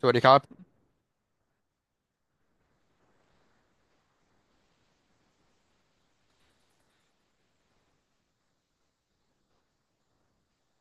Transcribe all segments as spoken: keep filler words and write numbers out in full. สวัสดีครับ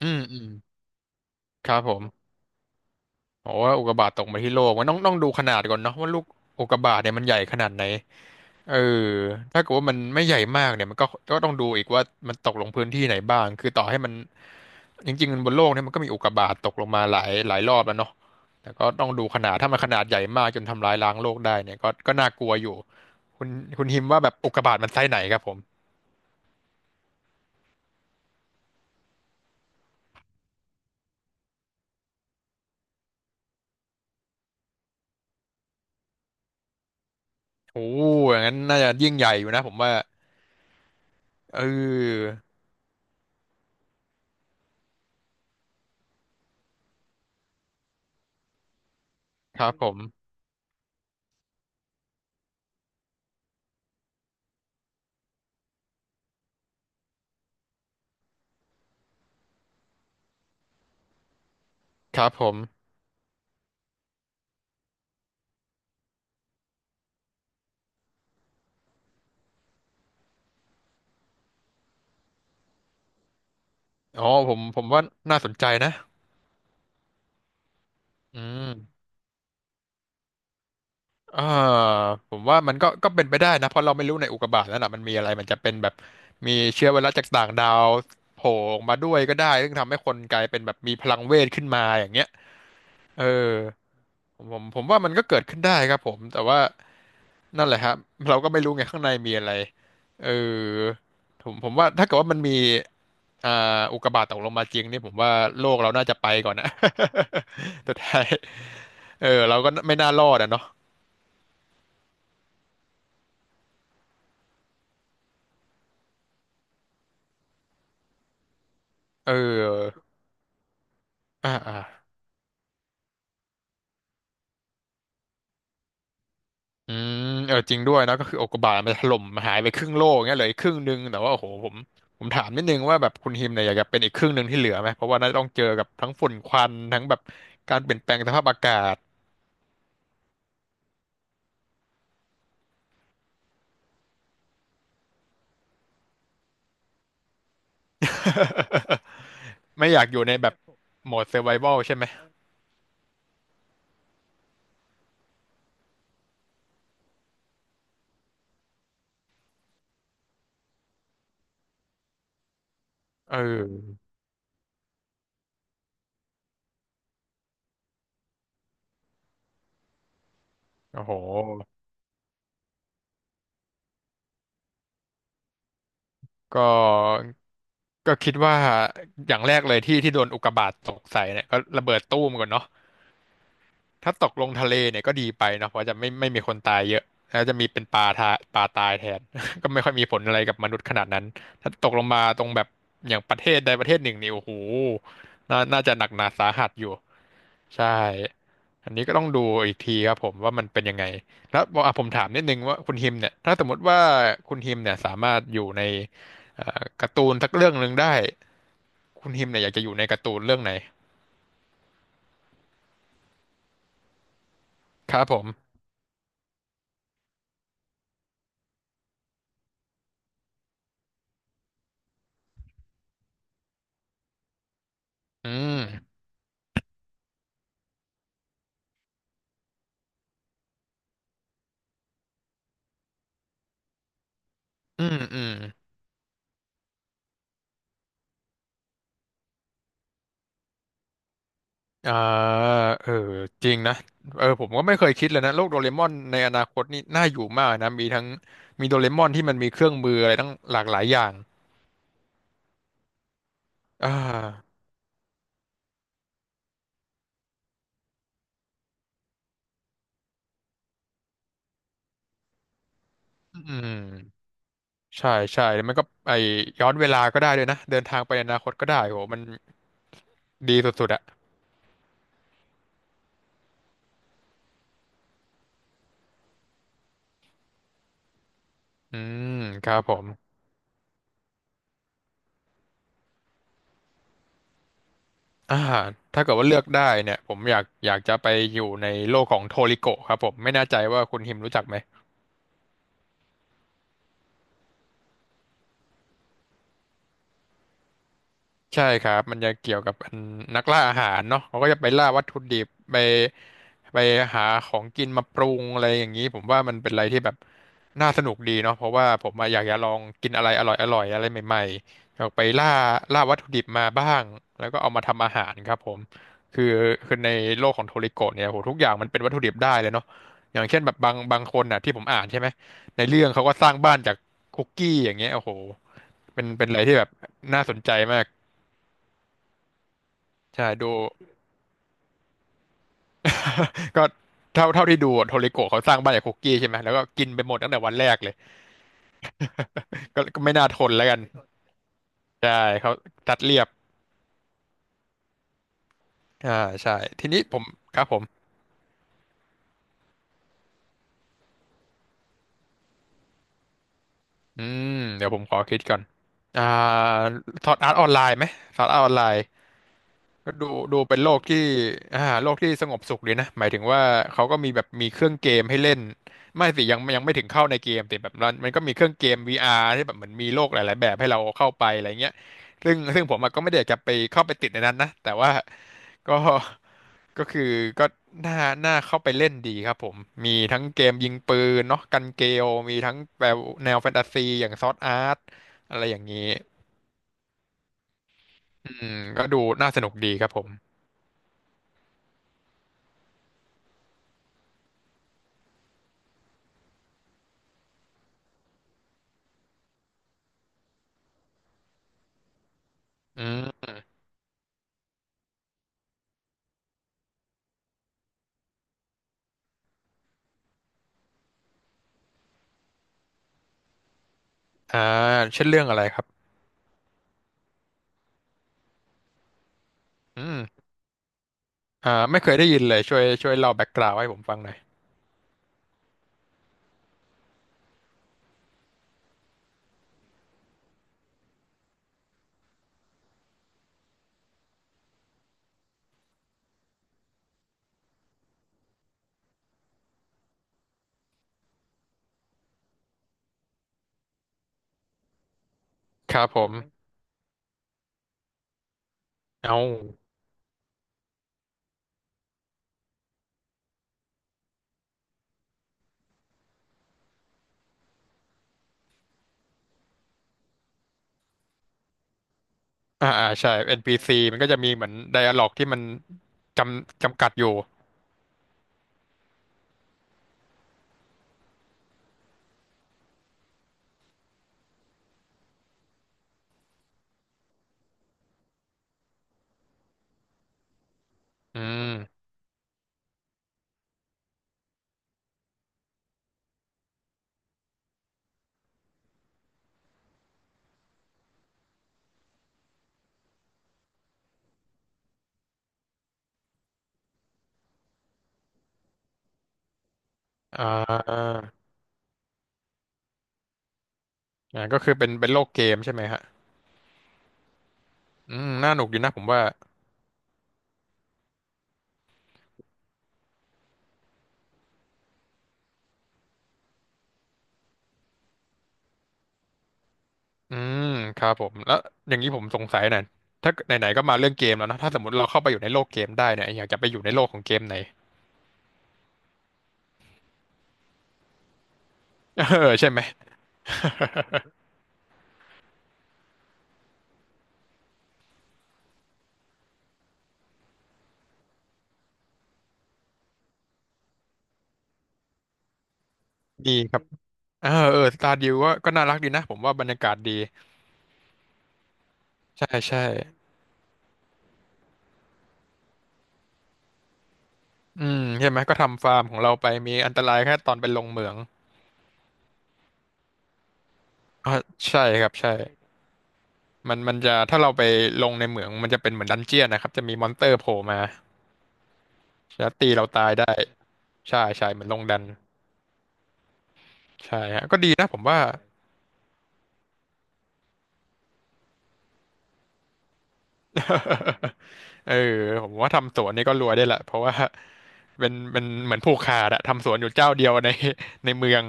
อืมอืมครับผมบอกว่าอุกกาบาตตกมาที่โลกมันต้องต้องดูขนาดก่อนเนาะว่าลูกอุกกาบาตเนี่ยมันใหญ่ขนาดไหนเออถ้าเกิดว่ามันไม่ใหญ่มากเนี่ยมันก็ก็ต้องดูอีกว่ามันตกลงพื้นที่ไหนบ้างคือต่อให้มัน จริงๆบนโลกเนี่ยมันก็มีอุกกาบาตตกลงมาหลายหลายรอบแล้วเนาะแต่ก็ต้องดูขนาดถ้ามันขนาดใหญ่มากจนทำลายล้างโลกได้เนี่ยก็ก็น่ากลัวอยู่คุณคุณฮิมว่าแบบอุกกาบาตมันไซส์ไหนครับผมโอ้อย่างนั้นน่าจะยิ่งใหญ่อยู่นะผมว่าเออครับผมครับผม อ๋อผมผมว่าน่าสนใจนะอืมอ่าผมว่ามันก็ก็เป็นไปได้นะเพราะเราไม่รู้ในอุกกาบาตนั่นน่ะมันมีอะไรมันจะเป็นแบบมีเชื้อไวรัสจากต่างดาวโผล่ออกมาด้วยก็ได้ซึ่งทำให้คนกลายเป็นแบบมีพลังเวทขึ้นมาอย่างเงี้ยเออผมผมผมว่ามันก็เกิดขึ้นได้ครับผมแต่ว่านั่นแหละครับเราก็ไม่รู้ไงข้างในมีอะไรเออผมผมว่าถ้าเกิดว่ามันมี อ่าอุกกาบาตตกลงมาจริงนี่ผมว่าโลกเราน่าจะไปก่อนนะ สุดท้ายเออเราก็ไม่น่ารอดอะเนาะเอออ่าอ่าอืมเออจริงด้วยนะก็คืออุกกาบาตมันถล่มหายไปครึ่งโลกเงี้ยเหลืออีกครึ่งหนึงแต่ว่าโอ้โหผมผมถามนิดนึงว่าแบบคุณฮิมเนี่ยอยากจะเป็นอีกครึ่งหนึ่งที่เหลือไหมเพราะว่าน่าจะต้องเจอกับทั้งฝุ่นควันทั้งแบบการเปลี่ยนแปลงสภาพอากาศไม่อยากอยู่ในแบบโหมดเซอร์ไววัลใช่ไหมเออโอ้โหก็ ก็คิดว่าอย่างแรกเลยที่ที่โดนอุกกาบาตตกใส่เนี่ยก็ระเบิดตู้มก่อนเนาะถ้าตกลงทะเลเนี่ยก็ดีไปเนาะเพราะจะไม่ไม่มีคนตายเยอะแล้วจะมีเป็นปลาทาปลาตายแทน ก็ไม่ค่อยมีผลอะไรกับมนุษย์ขนาดนั้นถ้าตกลงมาตรงแบบอย่างประเทศใดประเทศหนึ่งนี่โอ้โหน่าน่าจะหนักหนาสาหัสอยู่ใช่อันนี้ก็ต้องดูอีกทีครับผมว่ามันเป็นยังไงแล้วบอกอ่ะผมถามนิดนึงว่าคุณฮิมเนี่ยถ้าสมมติว่าคุณฮิมเนี่ยสามารถอยู่ในเอ่อการ์ตูนสักเรื่องหนึ่งได้ คุณฮิมเนี่ยอยากจะอยู่ในการ์ตูนเรื่องไหนครับผมอืมอืมอืมอ่าเออจริงนะเออผมก็ไม่เคยคิดเลยนะโลกโดเรมอนในอนาคตนี่น่าอยู่มากนะมีทั้งมีโดเรมอนที่มันมีเครื่องมืออะไรตั้งหลากหลายอย่างอ่าอืมใช่ใช่แล้วมันก็ไอย้อนเวลาก็ได้ด้วยนะเดินทางไปในอนาคตก็ได้โหมันดีสุดๆอะอืมครับผมอ่าถ้าเกิดว่าเลือกได้เนี่ยผมอยากอยากจะไปอยู่ในโลกของโทริโกะครับผมไม่แน่ใจว่าคุณฮิมรู้จักไหม ใช่ครับมันจะเกี่ยวกับอันนักล่าอาหารเนาะเขาก็จะไปล่าวัตถุดิบไปไปหาของกินมาปรุงอะไรอย่างนี้ผมว่ามันเป็นอะไรที่แบบน่าสนุกดีเนาะเพราะว่าผมอะอยากจะลองกินอะไรอร่อยอร่อยอะไรใหม่ๆอยากไปล่าล่าวัตถุดิบมาบ้างแล้วก็เอามาทำอาหารครับผมคือคือในโลกของโทริโกะเนี่ยโหทุกอย่างมันเป็นวัตถุดิบได้เลยเนาะอย่างเช่นแบบบางบางคนน่ะที่ผมอ่านใช่ไหมในเรื่องเขาก็สร้างบ้านจากคุกกี้อย่างเงี้ยโอ้โหเป็นเป็นอะไรที่แบบน่าสนใจมาก ใช่ดู ก็เท่าเท่าที่ดูอะโทริโกะเขาสร้างบ้านจากคุกกี้ใช่ไหมแล้วก็กินไปหมดตั้งแต่วันแรกเลย ก็ก็ไม่น่าทนแล้วกันใช่เขาตัดเรียบอ่าใช่ทีนี้ผมครับผมอืมเดี๋ยวผมขอคิดก่อนอ่าสอดอาร์ตออนไลน์ไหมสอดอาร์ตออนไลน์ ก็ดูดูเป็นโลกที่อ่าโลกที่สงบสุขดีนะหมายถึงว่าเขาก็มีแบบมีเครื่องเกมให้เล่นไม่สิยังยังไม่ถึงเข้าในเกมแต่แบบมันมันก็มีเครื่องเกม วี อาร์ ที่แบบเหมือนมีโลกหลายๆแบบให้เราเข้าไปอะไรเงี้ยซึ่งซึ่งผมอะก็ไม่ได้อยากจะไปเข้าไปติดในนั้นนะแต่ว่าก็ก็คือก็น่าน่าเข้าไปเล่นดีครับผมมีทั้งเกมยิงปืนเนาะกันเกลมีทั้งแบบแนวแฟนตาซีอย่างซอร์ดอาร์ตอะไรอย่างนี้อืมก็ดูน่าสนุกดีครับผมอืม อ่าเช่นเรื่องอะไรครับอืมอ่าไม่เคยได้ยินเลยช่วยช่วยเล่าแบ็กกราวด์ให้ผมฟังหน่อยครับผมเอาอ่าอ่าใช่ เอ็น พี ซี มันก็จะมีเหมือนไดอะล็อกที่มันจำจำกัดอยู่อืมอ่าอ่าก็คือเป็นเป็นโลกเกมใช่ไหมฮะอืมน่าหนุกอยู่นะผมว่าอืมครับผมแล้วอย่างนี้ผมสงสัยหน่อยถ้าไหนๆก็มาเรื่องเกมแล้วนะถ้าสมมติเราเข้าไปอยู่ในโลกเกมได้เนี่ยอยากจะไปอยู่ในโลกของเกมไหน เออใช่ไหมดีครับเออเออสตาร์ดิวก็ก็น่ารักดีนะผมว่าบรรยากาศดี ใช่ใช่อืมใช่ไหมก็ทำฟาร์มของเราไปมีอันตรายแค่ตอนไปลงเหมืองอ๋อใช่ครับใช่มันมันจะถ้าเราไปลงในเหมืองมันจะเป็นเหมือนดันเจี้ยนนะครับจะมีมอนสเตอร์โผล่มาแล้วตีเราตายได้ใช่ใช่เหมือนลงดันใช่ฮะก็ดีนะผมว่า เออผมว่าทำสวนนี่ก็รวยได้ละเพราะว่าเป็นเป็นเหมือนผูกขาดอะทำสวนอยู่เจ้าเดียวในในเมือง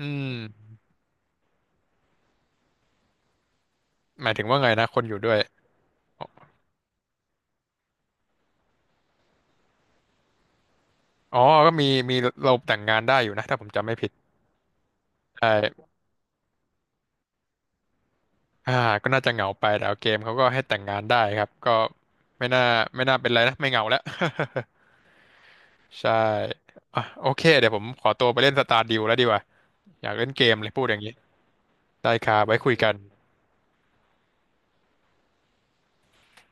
อืมหมายถึงว่าไงนะคนอยู่ด้วยอ๋อก็มีมีเราแต่งงานได้อยู่นะถ้าผมจำไม่ผิด อ่าก็น่าจะเหงาไปแต่เอาเกมเขาก็ให้แต่งงานได้ครับก็ไม่น่าไม่น่าเป็นไรนะไม่เหงาแล้ว ใช่อ่ะโอเคเดี๋ยวผมขอตัวไปเล่นสตาร์ดิวแล้วดีกว่าอยากเล่นเกมเลยพูดอย่างนี้ได้ครับไว้คุยกัน